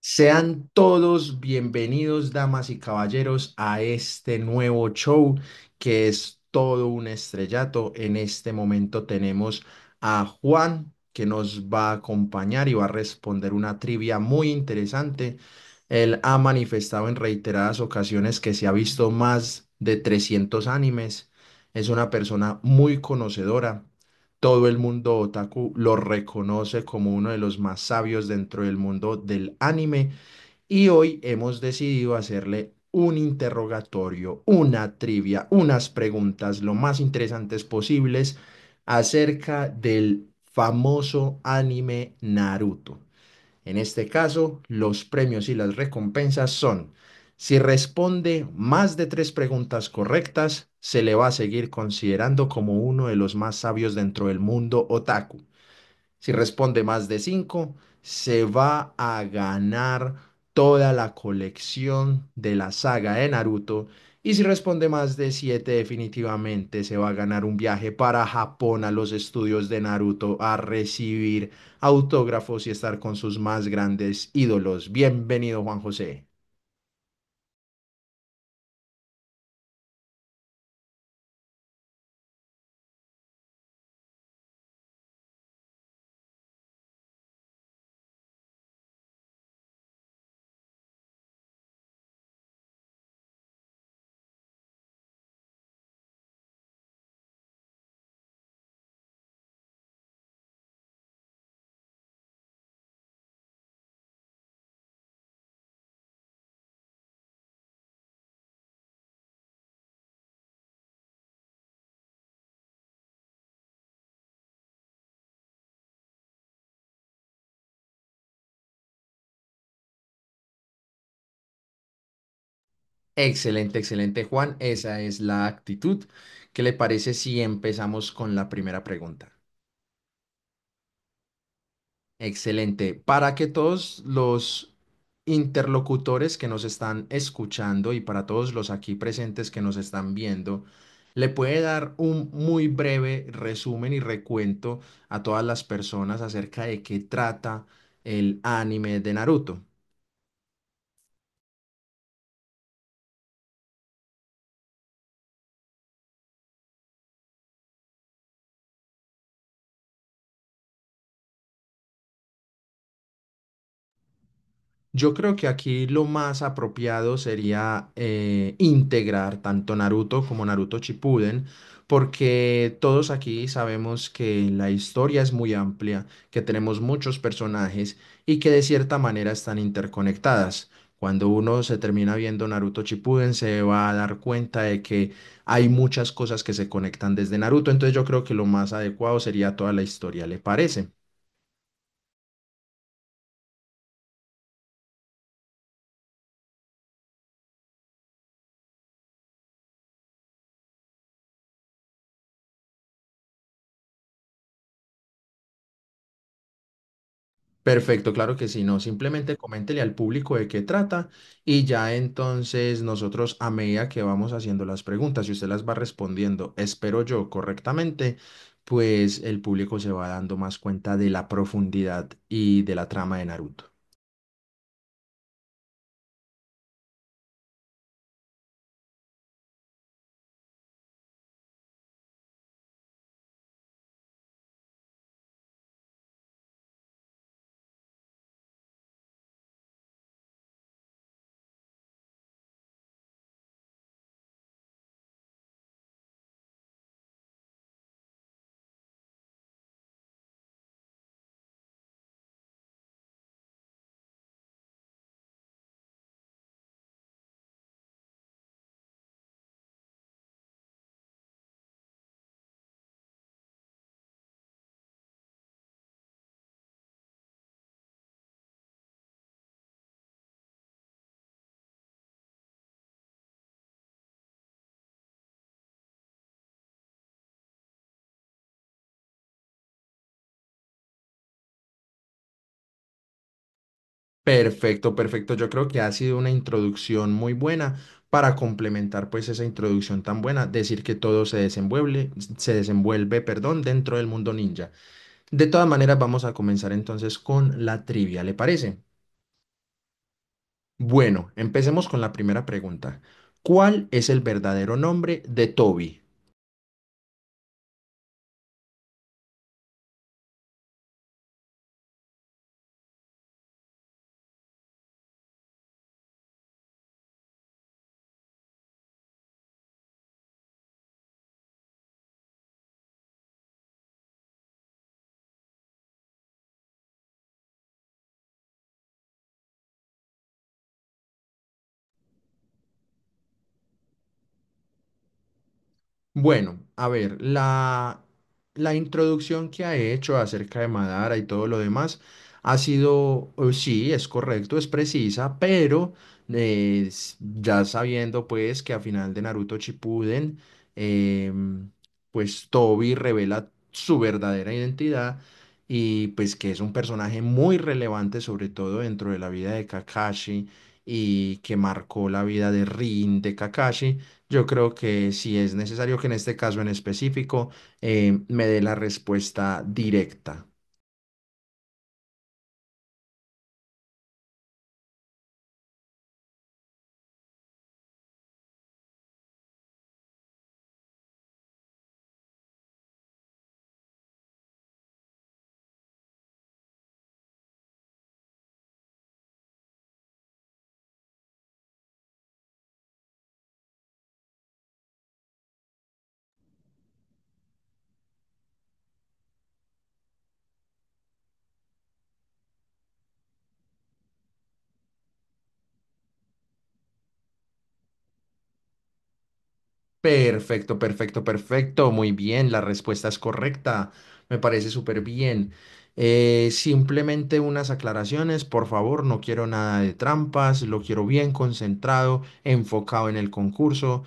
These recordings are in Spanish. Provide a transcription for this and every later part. Sean todos bienvenidos, damas y caballeros, a este nuevo show que es todo un estrellato. En este momento tenemos a Juan que nos va a acompañar y va a responder una trivia muy interesante. Él ha manifestado en reiteradas ocasiones que se ha visto más de 300 animes. Es una persona muy conocedora. Todo el mundo otaku lo reconoce como uno de los más sabios dentro del mundo del anime y hoy hemos decidido hacerle un interrogatorio, una trivia, unas preguntas lo más interesantes posibles acerca del famoso anime Naruto. En este caso, los premios y las recompensas son, si responde más de tres preguntas correctas, se le va a seguir considerando como uno de los más sabios dentro del mundo otaku. Si responde más de cinco, se va a ganar toda la colección de la saga de Naruto. Y si responde más de siete, definitivamente se va a ganar un viaje para Japón a los estudios de Naruto a recibir autógrafos y estar con sus más grandes ídolos. Bienvenido, Juan José. Excelente, excelente, Juan. Esa es la actitud. ¿Qué le parece si empezamos con la primera pregunta? Excelente. Para que todos los interlocutores que nos están escuchando y para todos los aquí presentes que nos están viendo, le puede dar un muy breve resumen y recuento a todas las personas acerca de qué trata el anime de Naruto. Yo creo que aquí lo más apropiado sería integrar tanto Naruto como Naruto Shippuden, porque todos aquí sabemos que la historia es muy amplia, que tenemos muchos personajes y que de cierta manera están interconectadas. Cuando uno se termina viendo Naruto Shippuden, se va a dar cuenta de que hay muchas cosas que se conectan desde Naruto, entonces yo creo que lo más adecuado sería toda la historia, ¿le parece? Perfecto, claro que sí, no, simplemente coméntele al público de qué trata y ya entonces nosotros a medida que vamos haciendo las preguntas y usted las va respondiendo, espero yo correctamente, pues el público se va dando más cuenta de la profundidad y de la trama de Naruto. Perfecto, perfecto, yo creo que ha sido una introducción muy buena para complementar pues esa introducción tan buena, decir que todo se desenvuelve, perdón, dentro del mundo ninja. De todas maneras, vamos a comenzar entonces con la trivia, ¿le parece? Bueno, empecemos con la primera pregunta. ¿Cuál es el verdadero nombre de Toby? Bueno, a ver, la introducción que ha hecho acerca de Madara y todo lo demás ha sido, sí, es correcto, es precisa, pero ya sabiendo pues que a final de Naruto Shippuden, em, pues Tobi revela su verdadera identidad y pues que es un personaje muy relevante sobre todo dentro de la vida de Kakashi y que marcó la vida de Rin, de Kakashi. Yo creo que sí es necesario que en este caso en específico me dé la respuesta directa. Perfecto, perfecto, perfecto. Muy bien, la respuesta es correcta. Me parece súper bien. Simplemente unas aclaraciones, por favor. No quiero nada de trampas. Lo quiero bien concentrado, enfocado en el concurso.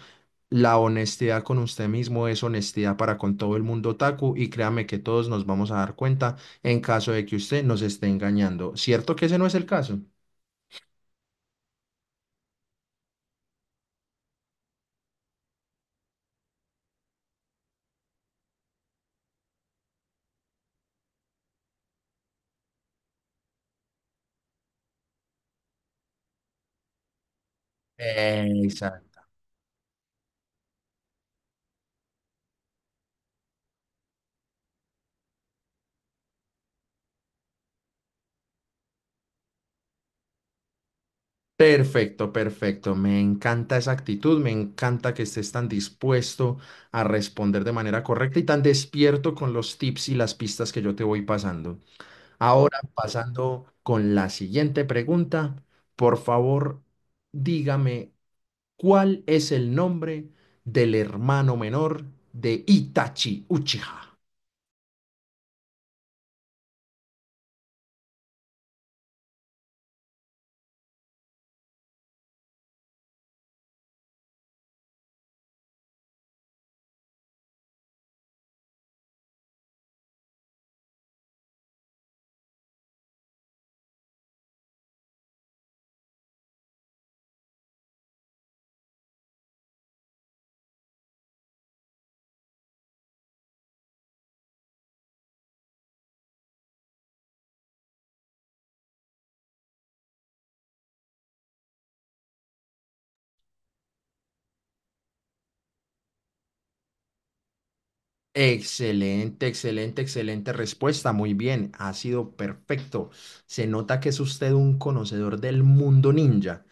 La honestidad con usted mismo es honestidad para con todo el mundo otaku y créame que todos nos vamos a dar cuenta en caso de que usted nos esté engañando. ¿Cierto que ese no es el caso? Exacto. Perfecto, perfecto. Me encanta esa actitud, me encanta que estés tan dispuesto a responder de manera correcta y tan despierto con los tips y las pistas que yo te voy pasando. Ahora, pasando con la siguiente pregunta, por favor, dígame. ¿Cuál es el nombre del hermano menor de Itachi Uchiha? Excelente, excelente, excelente respuesta. Muy bien, ha sido perfecto. Se nota que es usted un conocedor del mundo ninja.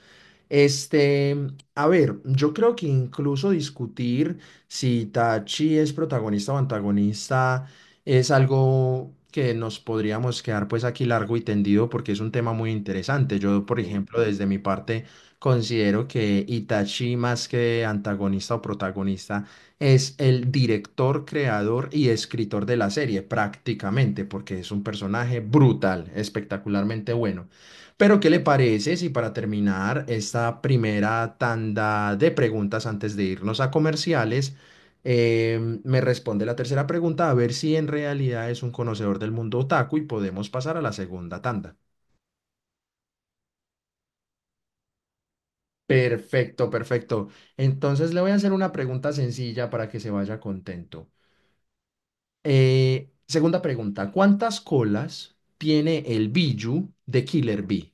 Este, a ver, yo creo que incluso discutir si Itachi es protagonista o antagonista es algo que nos podríamos quedar pues aquí largo y tendido porque es un tema muy interesante. Yo, por sí, ejemplo, desde mi parte considero que Itachi más que antagonista o protagonista es el director, creador y escritor de la serie, prácticamente, porque es un personaje brutal, espectacularmente bueno. Pero, ¿qué le parece si para terminar esta primera tanda de preguntas antes de irnos a comerciales, me responde la tercera pregunta a ver si en realidad es un conocedor del mundo otaku y podemos pasar a la segunda tanda? Perfecto, perfecto. Entonces le voy a hacer una pregunta sencilla para que se vaya contento. Segunda pregunta, ¿cuántas colas tiene el Biju de Killer Bee?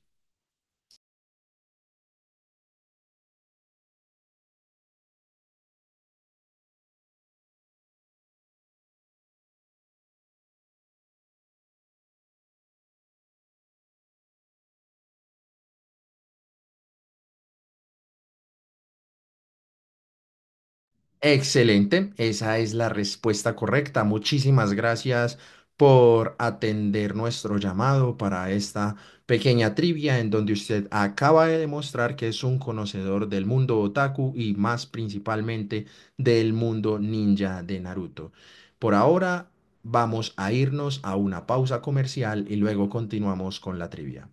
Excelente, esa es la respuesta correcta. Muchísimas gracias por atender nuestro llamado para esta pequeña trivia en donde usted acaba de demostrar que es un conocedor del mundo otaku y más principalmente del mundo ninja de Naruto. Por ahora vamos a irnos a una pausa comercial y luego continuamos con la trivia.